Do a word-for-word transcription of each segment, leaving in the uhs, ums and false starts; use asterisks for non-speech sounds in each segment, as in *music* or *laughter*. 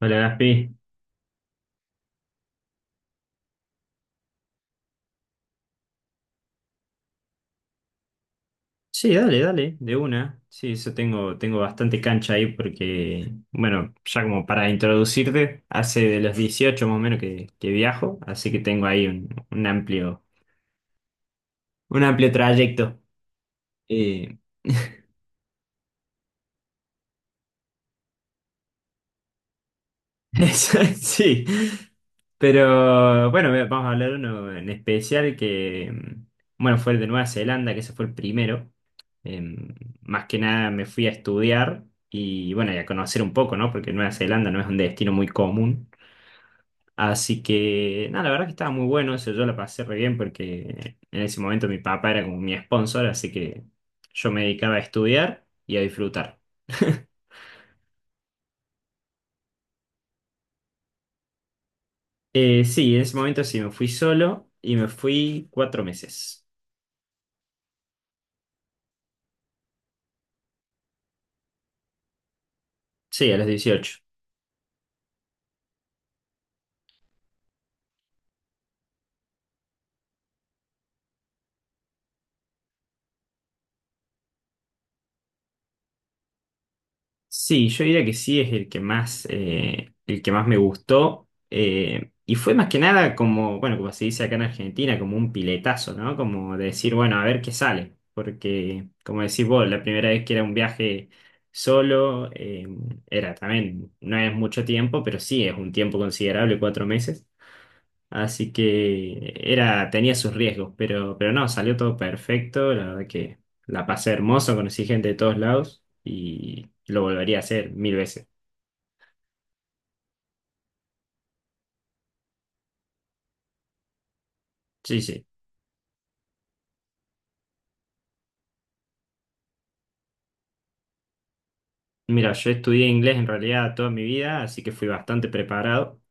Hola Gaspi. Sí, dale, dale, de una. Sí, eso tengo, tengo bastante cancha ahí porque, bueno, ya como para introducirte, hace de los dieciocho más o menos que, que viajo, así que tengo ahí un, un amplio, un amplio trayecto. Eh, *laughs* Sí, pero bueno, ve- vamos a hablar de uno en especial que, mm, bueno, fue el de Nueva Zelanda, que ese fue el primero. Em, más que nada me fui a estudiar y bueno, y a conocer un poco, ¿no? Porque Nueva Zelanda no es un destino muy común. Así que, nada, la verdad que estaba muy bueno, eso yo la pasé re bien porque en ese momento mi papá era como mi sponsor, así que yo me dedicaba a estudiar y a disfrutar. *laughs* Eh, sí, en ese momento sí, me fui solo y me fui cuatro meses. Sí, a los dieciocho. Sí, yo diría que sí es el que más, eh, el que más me gustó. Eh, y fue más que nada como, bueno, como se dice acá en Argentina, como un piletazo, ¿no? Como de decir, bueno, a ver qué sale. Porque, como decís vos, la primera vez que era un viaje solo, eh, era también, no es mucho tiempo, pero sí es un tiempo considerable, cuatro meses. Así que era, tenía sus riesgos, pero, pero no, salió todo perfecto. La verdad que la pasé hermoso, conocí gente de todos lados y lo volvería a hacer mil veces. Sí, sí. Mira, yo estudié inglés en realidad toda mi vida, así que fui bastante preparado,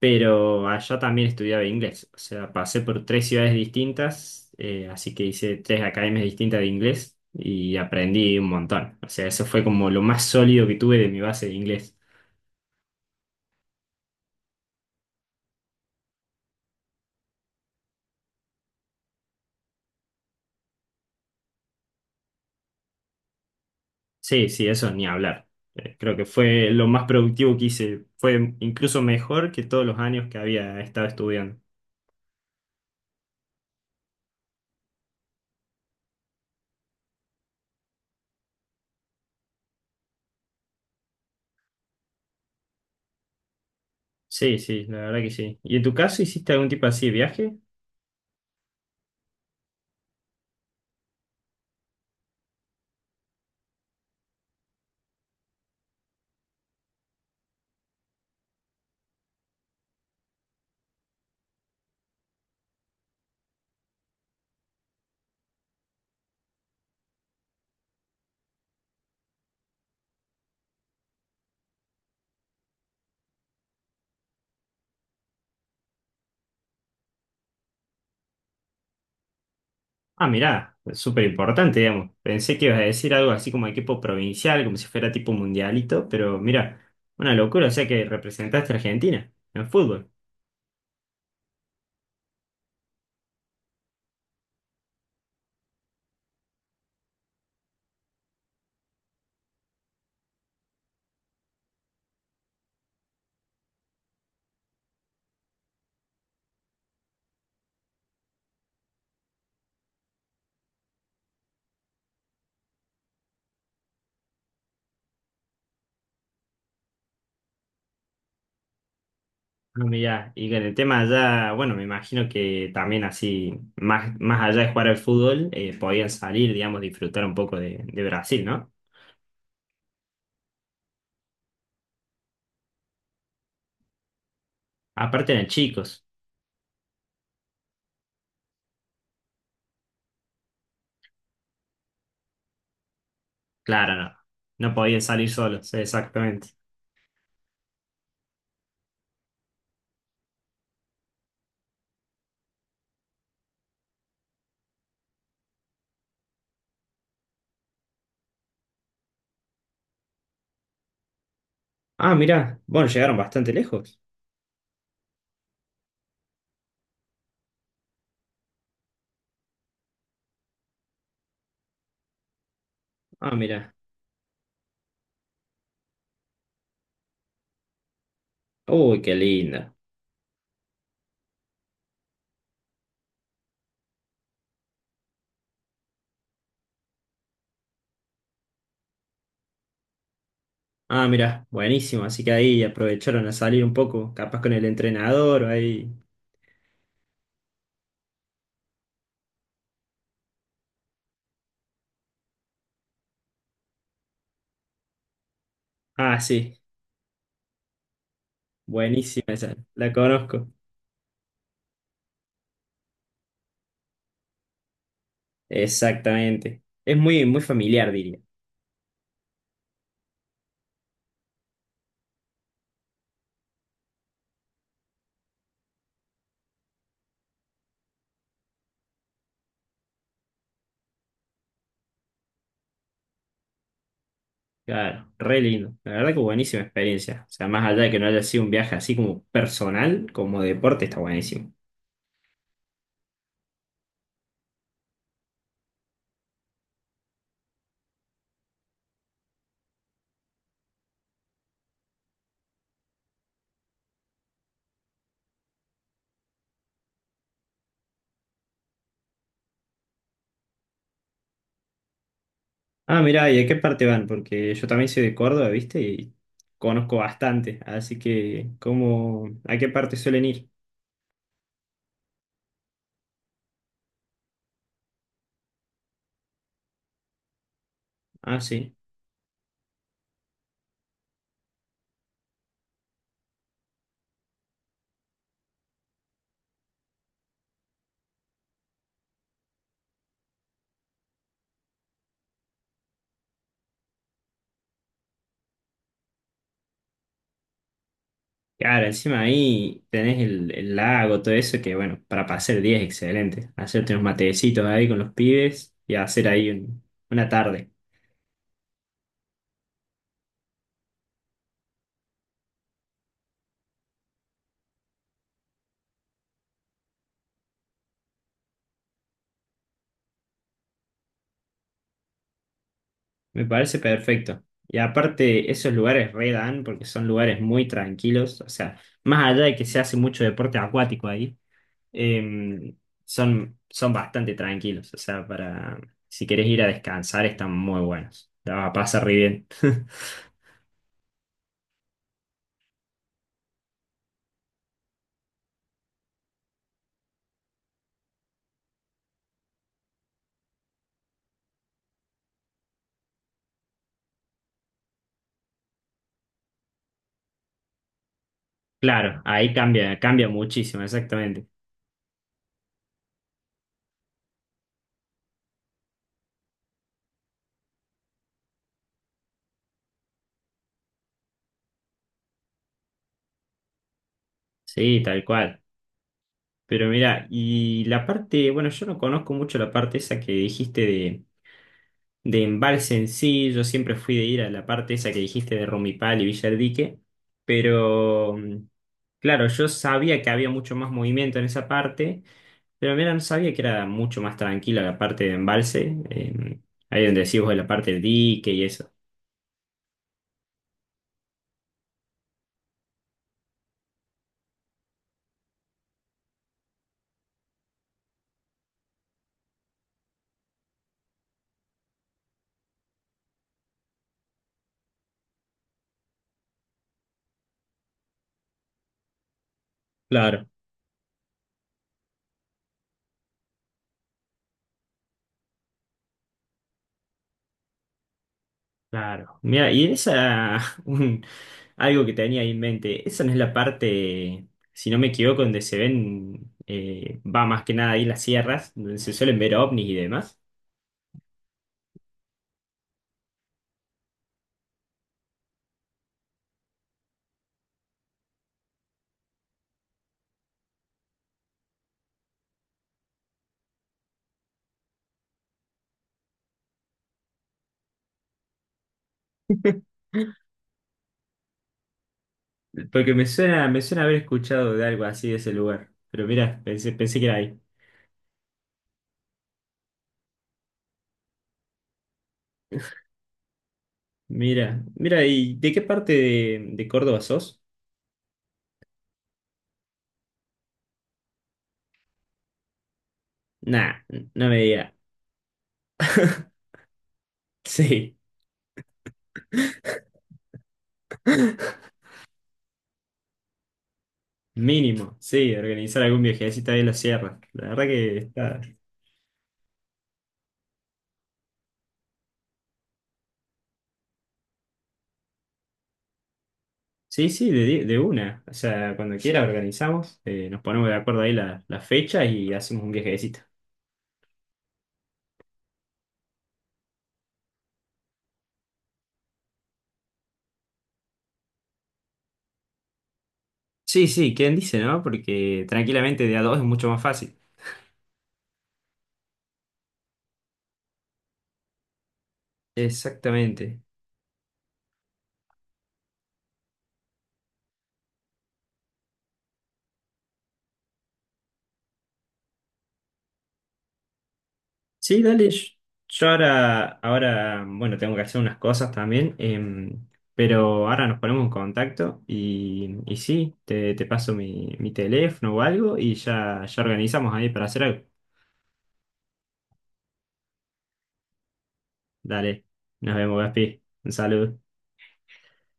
pero allá también estudiaba inglés. O sea, pasé por tres ciudades distintas, eh, así que hice tres academias distintas de inglés y aprendí un montón. O sea, eso fue como lo más sólido que tuve de mi base de inglés. Sí, sí, eso ni hablar. Eh, Creo que fue lo más productivo que hice. Fue incluso mejor que todos los años que había estado estudiando. Sí, sí, la verdad que sí. ¿Y en tu caso hiciste algún tipo así de viaje? Ah, mirá, es súper importante, digamos. Pensé que ibas a decir algo así como equipo provincial, como si fuera tipo mundialito, pero mira, una locura, o sea que representaste a Argentina en fútbol. Ah, mirá, y con el tema allá, bueno, me imagino que también así, más, más allá de jugar al fútbol, eh, podían salir, digamos, disfrutar un poco de, de Brasil, ¿no? Aparte eran chicos, claro, no. No podían salir solos, exactamente. Ah, mirá, bueno, llegaron bastante lejos. Ah, mirá. Uy, qué linda. Ah, mirá, buenísimo, así que ahí aprovecharon a salir un poco, capaz con el entrenador o ahí. Ah, sí, buenísima esa, la conozco. Exactamente. Es muy, muy familiar, diría. Claro, re lindo. La verdad que buenísima experiencia. O sea, más allá de que no haya sido un viaje así como personal, como deporte, está buenísimo. Ah, mirá, ¿y a qué parte van? Porque yo también soy de Córdoba, ¿viste? Y conozco bastante. Así que, ¿cómo, a qué parte suelen ir? Ah, sí. Claro, encima ahí tenés el, el lago, todo eso, que bueno, para pasar el día es excelente. Hacerte unos matecitos ahí con los pibes y hacer ahí un- una tarde. Me parece perfecto. Y aparte, esos lugares re dan porque son lugares muy tranquilos. O sea, más allá de que se hace mucho deporte acuático ahí, em, son, son bastante tranquilos. O sea, para si querés ir a descansar, están muy buenos. La vas a pasar re bien. *laughs* Claro, ahí cambia, cambia muchísimo, exactamente. Sí, tal cual. Pero mira, y la parte, bueno, yo no conozco mucho la parte esa que dijiste de embalse en sí, yo siempre fui de ir a la parte esa que dijiste de Romipal y Villa del Dique, pero mm, claro, yo sabía que había mucho más movimiento en esa parte, pero mira, no sabía que era mucho más tranquila la parte de embalse, eh, ahí donde decís vos de la parte del dique y eso. Claro. Claro, mira, y esa, *laughs* un- algo que tenía ahí en mente, esa no es la parte, si no me equivoco, donde se ven, eh, va más que nada ahí las sierras, donde se suelen ver ovnis y demás. Porque me suena, me suena haber escuchado de algo así de ese lugar. Pero mira, pensé, pensé que era ahí. Mira, mira, ¿y de qué parte de, de Córdoba sos? Nah, no me diga. *laughs* Sí, mínimo, sí, organizar algún viajecito ahí en la sierra. La verdad que está. Sí, sí, de, di- de una. O sea, cuando quiera organizamos, eh, nos ponemos de acuerdo ahí la, la fecha y hacemos un viajecito. Sí, sí, ¿quién dice, no? Porque tranquilamente de a dos es mucho más fácil. Exactamente. Sí, dale. Yo yo ahora, ahora, bueno, tengo que hacer unas cosas también, em, pero ahora nos ponemos en contacto y, y sí, te, te paso mi, mi teléfono o algo y ya, ya organizamos ahí para hacer algo. Dale, nos vemos, Gaspi. Un saludo.